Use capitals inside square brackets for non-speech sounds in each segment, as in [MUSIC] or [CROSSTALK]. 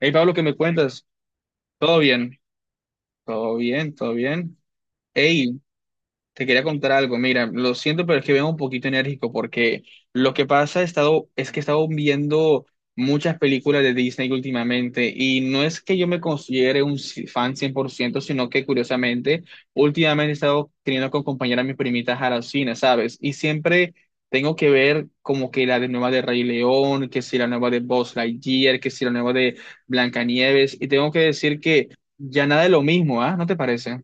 Hey Pablo, ¿qué me cuentas? ¿Todo bien? ¿Todo bien? ¿Todo bien? Hey, te quería contar algo, mira, lo siento, pero es que vengo un poquito enérgico porque lo que pasa es que he estado viendo muchas películas de Disney últimamente y no es que yo me considere un fan 100%, sino que curiosamente últimamente he estado teniendo que acompañar a mis primitas a la cine, ¿sabes? Y siempre tengo que ver como que la de nueva de Rey León, que si la nueva de Buzz Lightyear, que si la nueva de Blancanieves y tengo que decir que ya nada es lo mismo, ¿ah? ¿No te parece?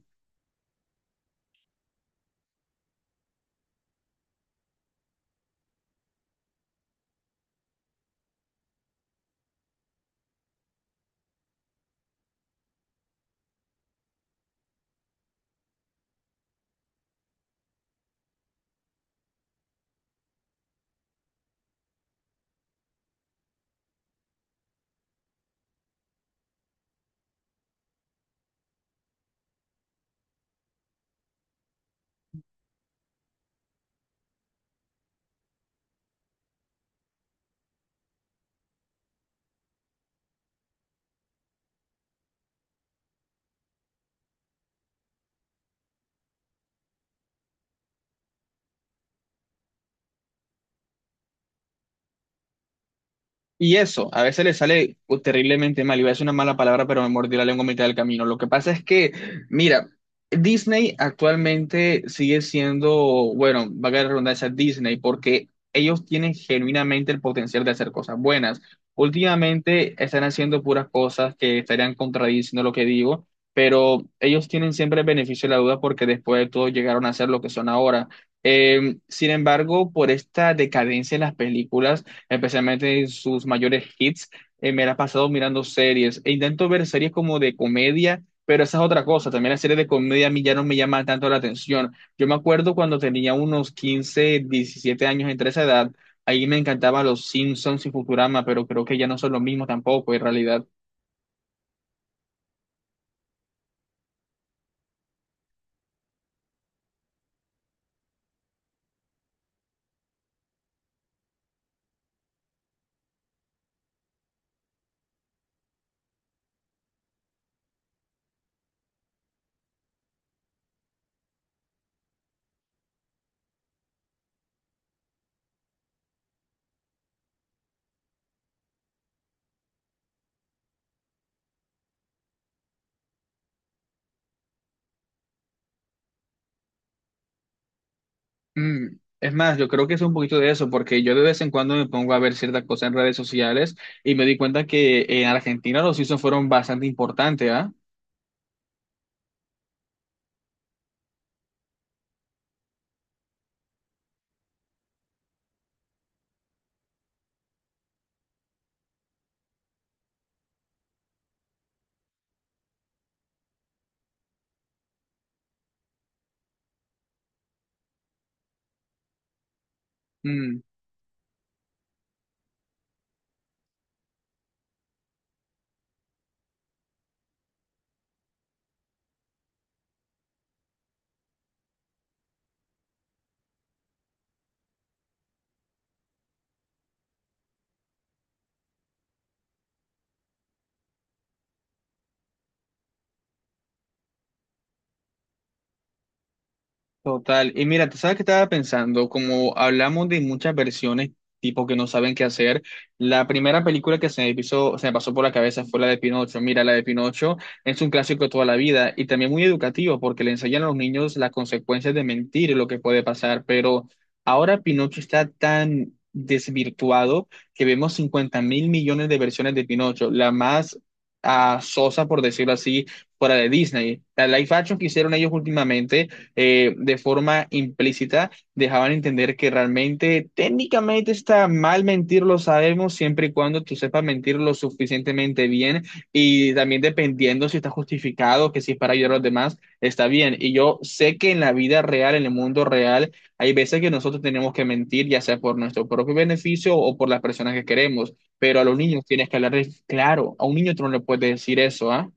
Y eso, a veces le sale terriblemente mal. Iba a decir una mala palabra, pero me mordí la lengua a mitad del camino. Lo que pasa es que, mira, Disney actualmente sigue siendo, bueno, va a la redundancia Disney, porque ellos tienen genuinamente el potencial de hacer cosas buenas. Últimamente están haciendo puras cosas que estarían contradiciendo lo que digo, pero ellos tienen siempre el beneficio de la duda porque después de todo llegaron a ser lo que son ahora. Sin embargo, por esta decadencia en las películas, especialmente en sus mayores hits, me la he pasado mirando series e intento ver series como de comedia, pero esa es otra cosa, también las series de comedia a mí ya no me llaman tanto la atención. Yo me acuerdo cuando tenía unos 15, 17 años entre esa edad, ahí me encantaban los Simpsons y Futurama, pero creo que ya no son lo mismo tampoco en realidad. Es más, yo creo que es un poquito de eso, porque yo de vez en cuando me pongo a ver ciertas cosas en redes sociales y me di cuenta que en Argentina los Simpsons fueron bastante importantes, ¿ah? Mm. Total. Y mira, tú sabes que estaba pensando, como hablamos de muchas versiones, tipo que no saben qué hacer, la primera película que se me pasó por la cabeza fue la de Pinocho. Mira, la de Pinocho es un clásico de toda la vida y también muy educativo porque le enseñan a los niños las consecuencias de mentir y lo que puede pasar. Pero ahora Pinocho está tan desvirtuado que vemos 50 mil millones de versiones de Pinocho. La más sosa, por decirlo así, fuera de Disney. La live action que hicieron ellos últimamente de forma implícita dejaban entender que realmente técnicamente está mal mentir, lo sabemos, siempre y cuando tú sepas mentir lo suficientemente bien y también dependiendo si está justificado, que si es para ayudar a los demás, está bien. Y yo sé que en la vida real, en el mundo real, hay veces que nosotros tenemos que mentir, ya sea por nuestro propio beneficio o por las personas que queremos, pero a los niños tienes que hablarles claro, a un niño tú no le puedes decir eso, ¿ah?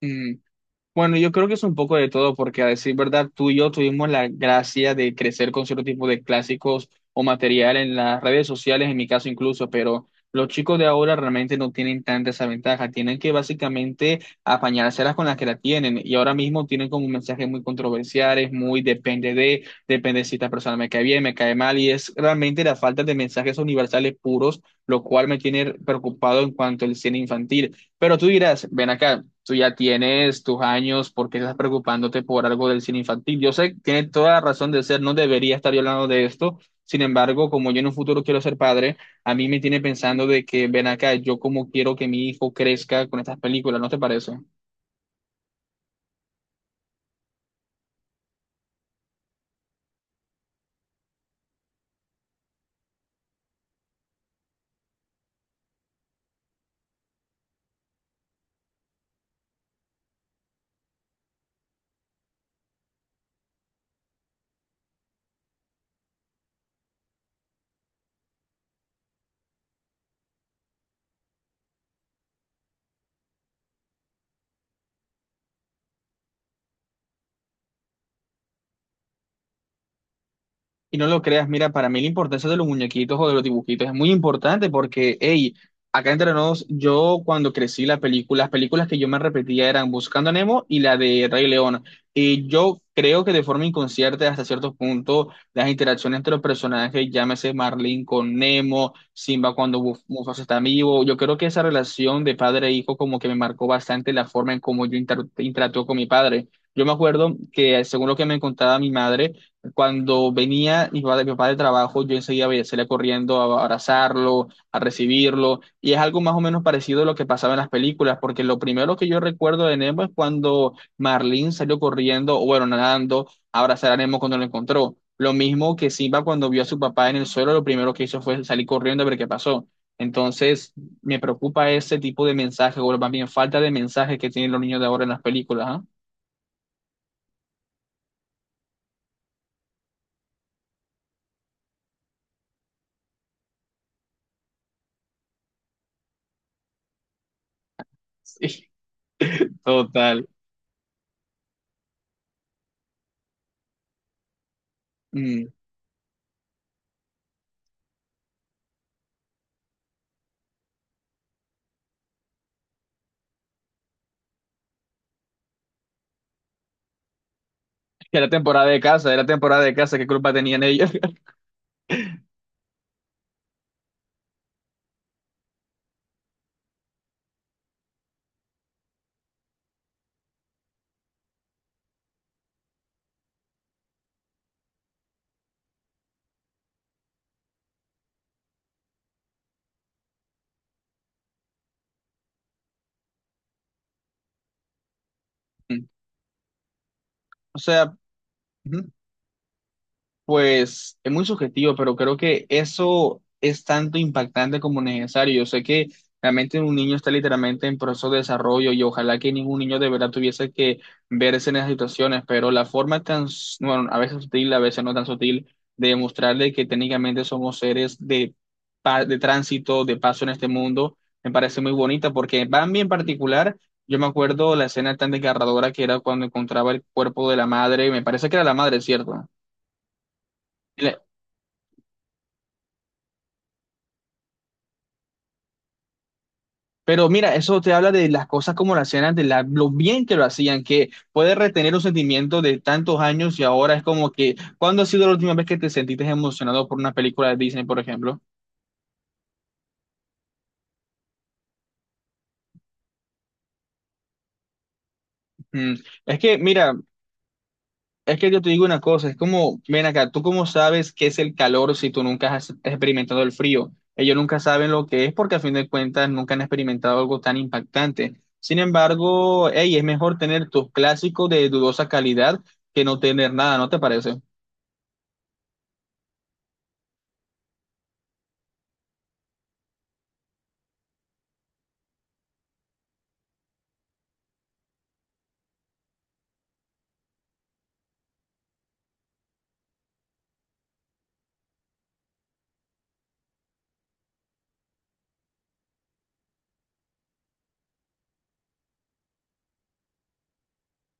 Mm. Bueno, yo creo que es un poco de todo, porque a decir verdad, tú y yo tuvimos la gracia de crecer con cierto tipo de clásicos o material en las redes sociales, en mi caso incluso, pero los chicos de ahora realmente no tienen tanta esa ventaja, tienen que básicamente apañárselas con las que la tienen, y ahora mismo tienen como mensajes muy controversiales, muy depende de, depende si esta persona me cae bien, me cae mal, y es realmente la falta de mensajes universales puros, lo cual me tiene preocupado en cuanto al cine infantil. Pero tú dirás, ven acá tú ya tienes tus años, ¿por qué estás preocupándote por algo del cine infantil? Yo sé, tiene toda la razón de ser, no debería estar yo hablando de esto. Sin embargo, como yo en un futuro quiero ser padre, a mí me tiene pensando de que ven acá, yo como quiero que mi hijo crezca con estas películas, ¿no te parece? Y no lo creas, mira, para mí la importancia de los muñequitos o de los dibujitos es muy importante porque, hey, acá entre nos, yo cuando crecí la película, las películas que yo me repetía eran Buscando a Nemo y la de Rey León. Y yo creo que de forma inconsciente, hasta cierto punto, las interacciones entre los personajes, llámese Marlin con Nemo, Simba cuando Mufasa está vivo, yo creo que esa relación de padre e hijo como que me marcó bastante la forma en cómo yo interactúo con mi padre. Yo me acuerdo que, según lo que me contaba mi madre, cuando venía mi papá de trabajo, yo enseguida salía corriendo a abrazarlo, a recibirlo, y es algo más o menos parecido a lo que pasaba en las películas, porque lo primero que yo recuerdo de Nemo es cuando Marlene salió corriendo, o bueno, nadando, a abrazar a Nemo cuando lo encontró. Lo mismo que Simba cuando vio a su papá en el suelo, lo primero que hizo fue salir corriendo a ver qué pasó. Entonces, me preocupa ese tipo de mensaje, o más bien falta de mensajes que tienen los niños de ahora en las películas, ¿ah? [LAUGHS] Sí, total. Mm. Que era temporada de casa, era temporada de casa, ¿qué culpa tenían ellos? [LAUGHS] O sea, ujú. Pues es muy subjetivo, pero creo que eso es tanto impactante como necesario. Yo sé que realmente un niño está literalmente en proceso de desarrollo y ojalá que ningún niño de verdad tuviese que verse en esas situaciones, pero la forma tan, bueno, a veces sutil, a veces no tan sutil, de demostrarle que técnicamente somos seres de, de tránsito, de paso en este mundo, me parece muy bonita porque Bambi en particular. Yo me acuerdo la escena tan desgarradora que era cuando encontraba el cuerpo de la madre, me parece que era la madre, ¿cierto? Pero mira, eso te habla de las cosas como las hacían antes, lo bien que lo hacían, que puedes retener un sentimiento de tantos años y ahora es como que, ¿cuándo ha sido la última vez que te sentiste emocionado por una película de Disney, por ejemplo? Mm. Es que, mira, es que yo te digo una cosa, es como, ven acá, ¿tú cómo sabes qué es el calor si tú nunca has experimentado el frío? Ellos nunca saben lo que es porque a fin de cuentas nunca han experimentado algo tan impactante. Sin embargo, hey, es mejor tener tus clásicos de dudosa calidad que no tener nada, ¿no te parece?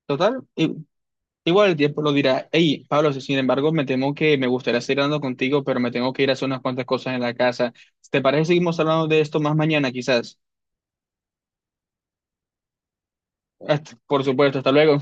Total, igual el tiempo lo dirá. Hey, Pablo, sin embargo, me temo que me gustaría seguir hablando contigo, pero me tengo que ir a hacer unas cuantas cosas en la casa. ¿Te parece que seguimos hablando de esto más mañana, quizás? Por supuesto, hasta luego.